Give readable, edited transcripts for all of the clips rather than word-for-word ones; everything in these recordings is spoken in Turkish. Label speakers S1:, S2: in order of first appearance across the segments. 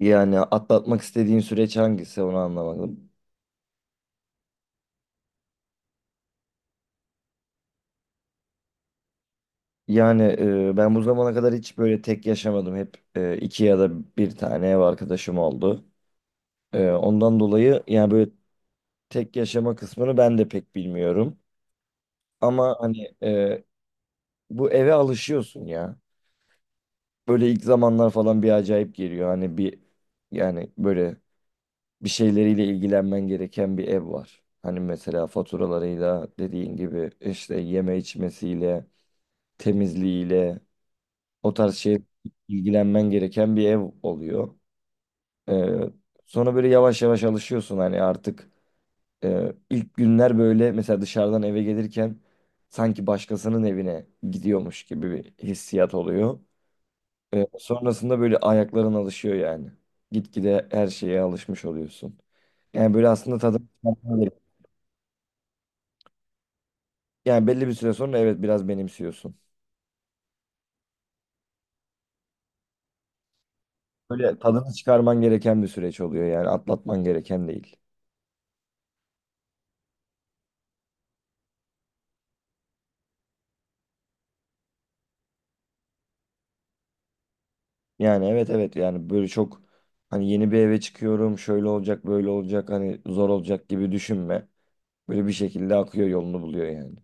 S1: Yani atlatmak istediğin süreç hangisi onu anlamadım. Yani ben bu zamana kadar hiç böyle tek yaşamadım. Hep iki ya da bir tane ev arkadaşım oldu. Ondan dolayı yani böyle tek yaşama kısmını ben de pek bilmiyorum. Ama hani bu eve alışıyorsun ya. Böyle ilk zamanlar falan bir acayip geliyor. Hani bir yani böyle bir şeyleriyle ilgilenmen gereken bir ev var. Hani mesela faturalarıyla dediğin gibi işte yeme içmesiyle temizliğiyle o tarz şey ilgilenmen gereken bir ev oluyor. Ee, Sonra böyle yavaş yavaş alışıyorsun hani artık ilk günler böyle mesela dışarıdan eve gelirken sanki başkasının evine gidiyormuş gibi bir hissiyat oluyor. Sonrasında böyle ayakların alışıyor yani. Gitgide her şeye alışmış oluyorsun. Yani böyle aslında tadını çıkarman gerek- Yani belli bir süre sonra evet biraz benimsiyorsun. Böyle tadını çıkarman gereken bir süreç oluyor yani atlatman gereken değil. Yani evet evet yani böyle çok hani yeni bir eve çıkıyorum şöyle olacak böyle olacak hani zor olacak gibi düşünme. Böyle bir şekilde akıyor yolunu buluyor yani.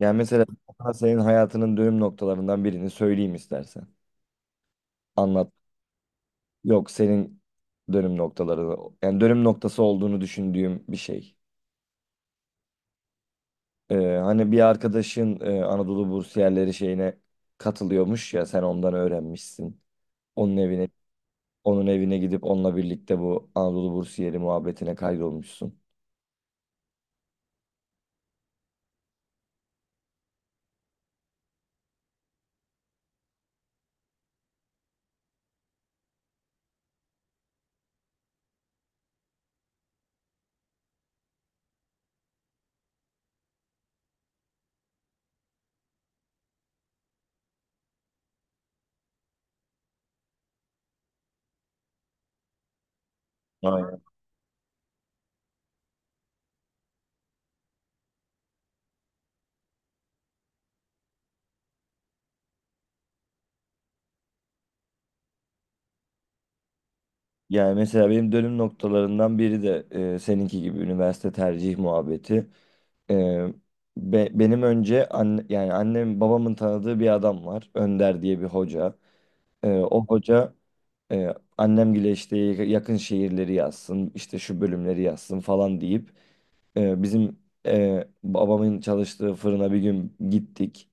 S1: Yani mesela sana senin hayatının dönüm noktalarından birini söyleyeyim istersen. Anlat. Yok senin dönüm noktaları yani dönüm noktası olduğunu düşündüğüm bir şey. Hani bir arkadaşın Anadolu Bursiyerleri şeyine katılıyormuş ya sen ondan öğrenmişsin. Onun evine Onun evine gidip onunla birlikte bu Anadolu Bursiyeri muhabbetine kaydolmuşsun. Aynen. Yani mesela benim dönüm noktalarından biri de seninki gibi üniversite tercih muhabbeti. E, Benim önce yani annem babamın tanıdığı bir adam var. Önder diye bir hoca. O hoca annemgile işte yakın şehirleri yazsın, işte şu bölümleri yazsın falan deyip bizim babamın çalıştığı fırına bir gün gittik.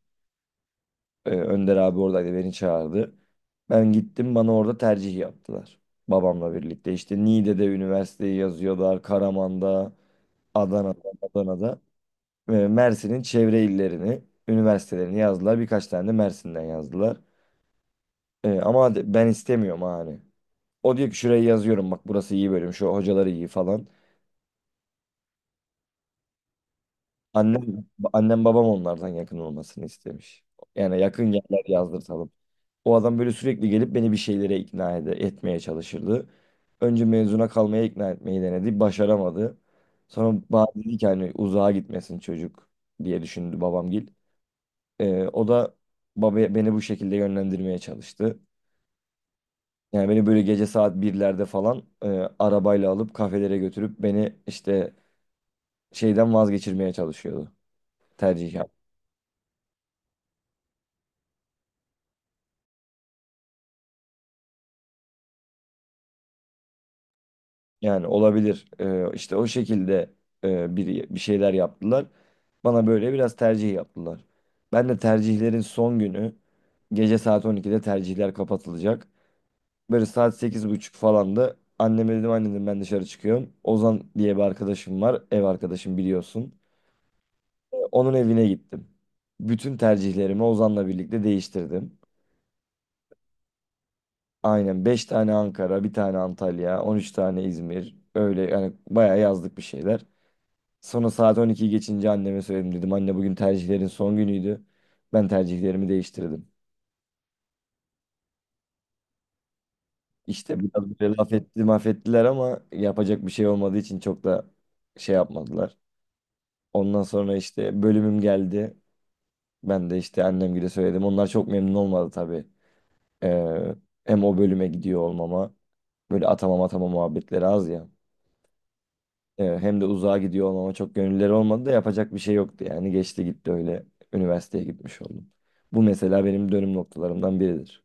S1: Önder abi oradaydı, beni çağırdı. Ben gittim, bana orada tercih yaptılar. Babamla birlikte işte Niğde'de üniversiteyi yazıyorlar. Karaman'da, Adana'da. Mersin'in çevre illerini, üniversitelerini yazdılar. Birkaç tane de Mersin'den yazdılar. Ama ben istemiyorum ha hani. O diyor ki şuraya yazıyorum bak, burası iyi bölüm, şu hocaları iyi falan. Annem, annem babam onlardan yakın olmasını istemiş. Yani yakın yerler yazdırtalım. O adam böyle sürekli gelip beni bir şeylere etmeye çalışırdı. Önce mezuna kalmaya ikna etmeyi denedi. Başaramadı. Sonra bana dedi ki hani uzağa gitmesin çocuk diye düşündü babamgil. O da baba beni bu şekilde yönlendirmeye çalıştı. Yani beni böyle gece saat birlerde falan arabayla alıp kafelere götürüp beni işte şeyden vazgeçirmeye çalışıyordu. Tercih. Yani olabilir. İşte o şekilde bir şeyler yaptılar. Bana böyle biraz tercih yaptılar. Ben de tercihlerin son günü gece saat 12'de tercihler kapatılacak. Böyle saat 8.30 falan da anneme dedim anne, dedim ben dışarı çıkıyorum. Ozan diye bir arkadaşım var. Ev arkadaşım, biliyorsun. Onun evine gittim. Bütün tercihlerimi Ozan'la birlikte değiştirdim. Aynen, 5 tane Ankara, bir tane Antalya, 13 tane İzmir. Öyle yani bayağı yazdık bir şeyler. Sonra saat 12'yi geçince anneme söyledim. Dedim anne, bugün tercihlerin son günüydü. Ben tercihlerimi değiştirdim. İşte biraz böyle laf etti, maf ettiler, ama yapacak bir şey olmadığı için çok da şey yapmadılar. Ondan sonra işte bölümüm geldi. Ben de işte annemgile söyledim. Onlar çok memnun olmadı tabii. Ee, Hem o bölüme gidiyor olmama. Böyle atama muhabbetleri az ya. Hem de uzağa gidiyor olmama çok gönülleri olmadı da yapacak bir şey yoktu yani. Geçti gitti, öyle üniversiteye gitmiş oldum. Bu mesela benim dönüm noktalarımdan biridir.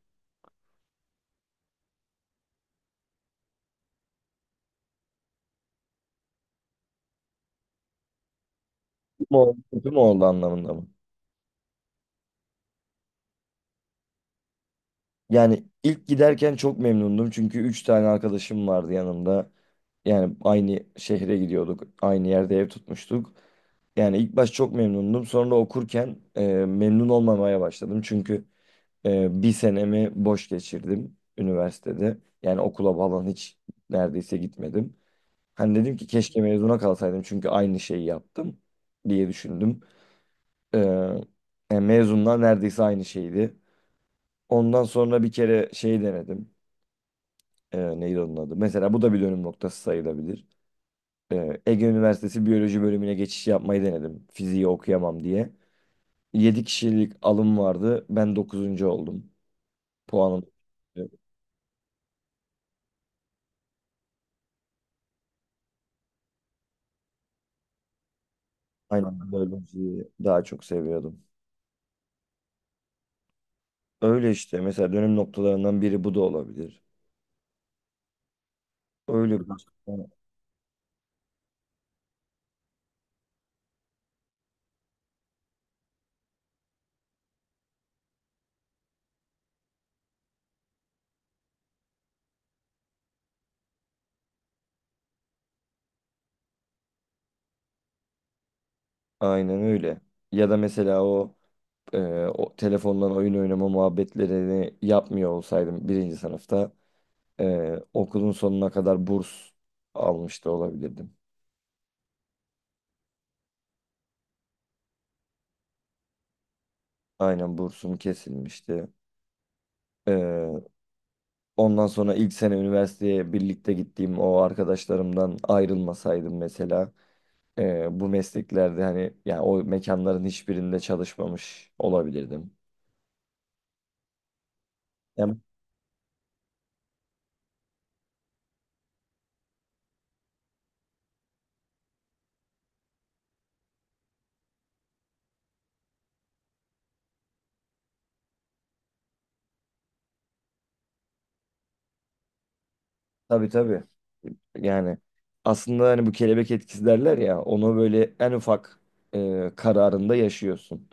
S1: Kötü mü oldu, kötü mü oldu anlamında mı? Yani ilk giderken çok memnundum çünkü 3 tane arkadaşım vardı yanımda. Yani aynı şehre gidiyorduk, aynı yerde ev tutmuştuk. Yani ilk baş çok memnundum. Sonra okurken memnun olmamaya başladım. Çünkü bir senemi boş geçirdim üniversitede. Yani okula falan hiç neredeyse gitmedim. Hani dedim ki keşke mezuna kalsaydım çünkü aynı şeyi yaptım diye düşündüm. Ee, Yani mezunlar neredeyse aynı şeydi. Ondan sonra bir kere şey denedim. Neydi onun adı? Mesela bu da bir dönüm noktası sayılabilir. Ege Üniversitesi Biyoloji bölümüne geçiş yapmayı denedim. Fiziği okuyamam diye. 7 kişilik alım vardı. Ben dokuzuncu oldum. Puanım. Aynen, biyolojiyi daha çok seviyordum. Öyle işte mesela dönüm noktalarından biri bu da olabilir. Öyle bir. Aynen öyle. Ya da mesela e, o telefondan oyun oynama muhabbetlerini yapmıyor olsaydım birinci sınıfta okulun sonuna kadar burs almış da olabilirdim. Aynen, bursum kesilmişti. E, Ondan sonra ilk sene üniversiteye birlikte gittiğim o arkadaşlarımdan ayrılmasaydım mesela bu mesleklerde hani yani o mekanların hiçbirinde çalışmamış olabilirdim. Yani. Tabii tabii. Yani aslında hani bu kelebek etkisi derler ya, onu böyle en ufak kararında yaşıyorsun.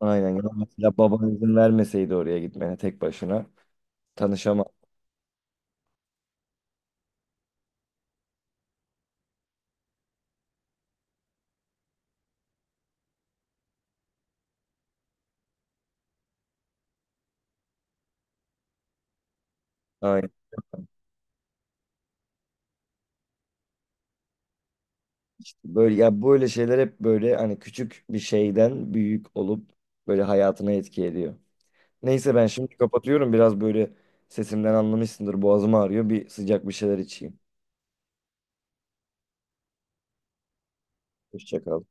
S1: Aynen. Ya mesela baban izin vermeseydi oraya gitmene tek başına, tanışamaz. Aynen. Böyle ya böyle şeyler hep böyle hani küçük bir şeyden büyük olup böyle hayatına etki ediyor. Neyse, ben şimdi kapatıyorum. Biraz böyle sesimden anlamışsındır. Boğazım ağrıyor. Bir sıcak bir şeyler içeyim. Hoşça kal.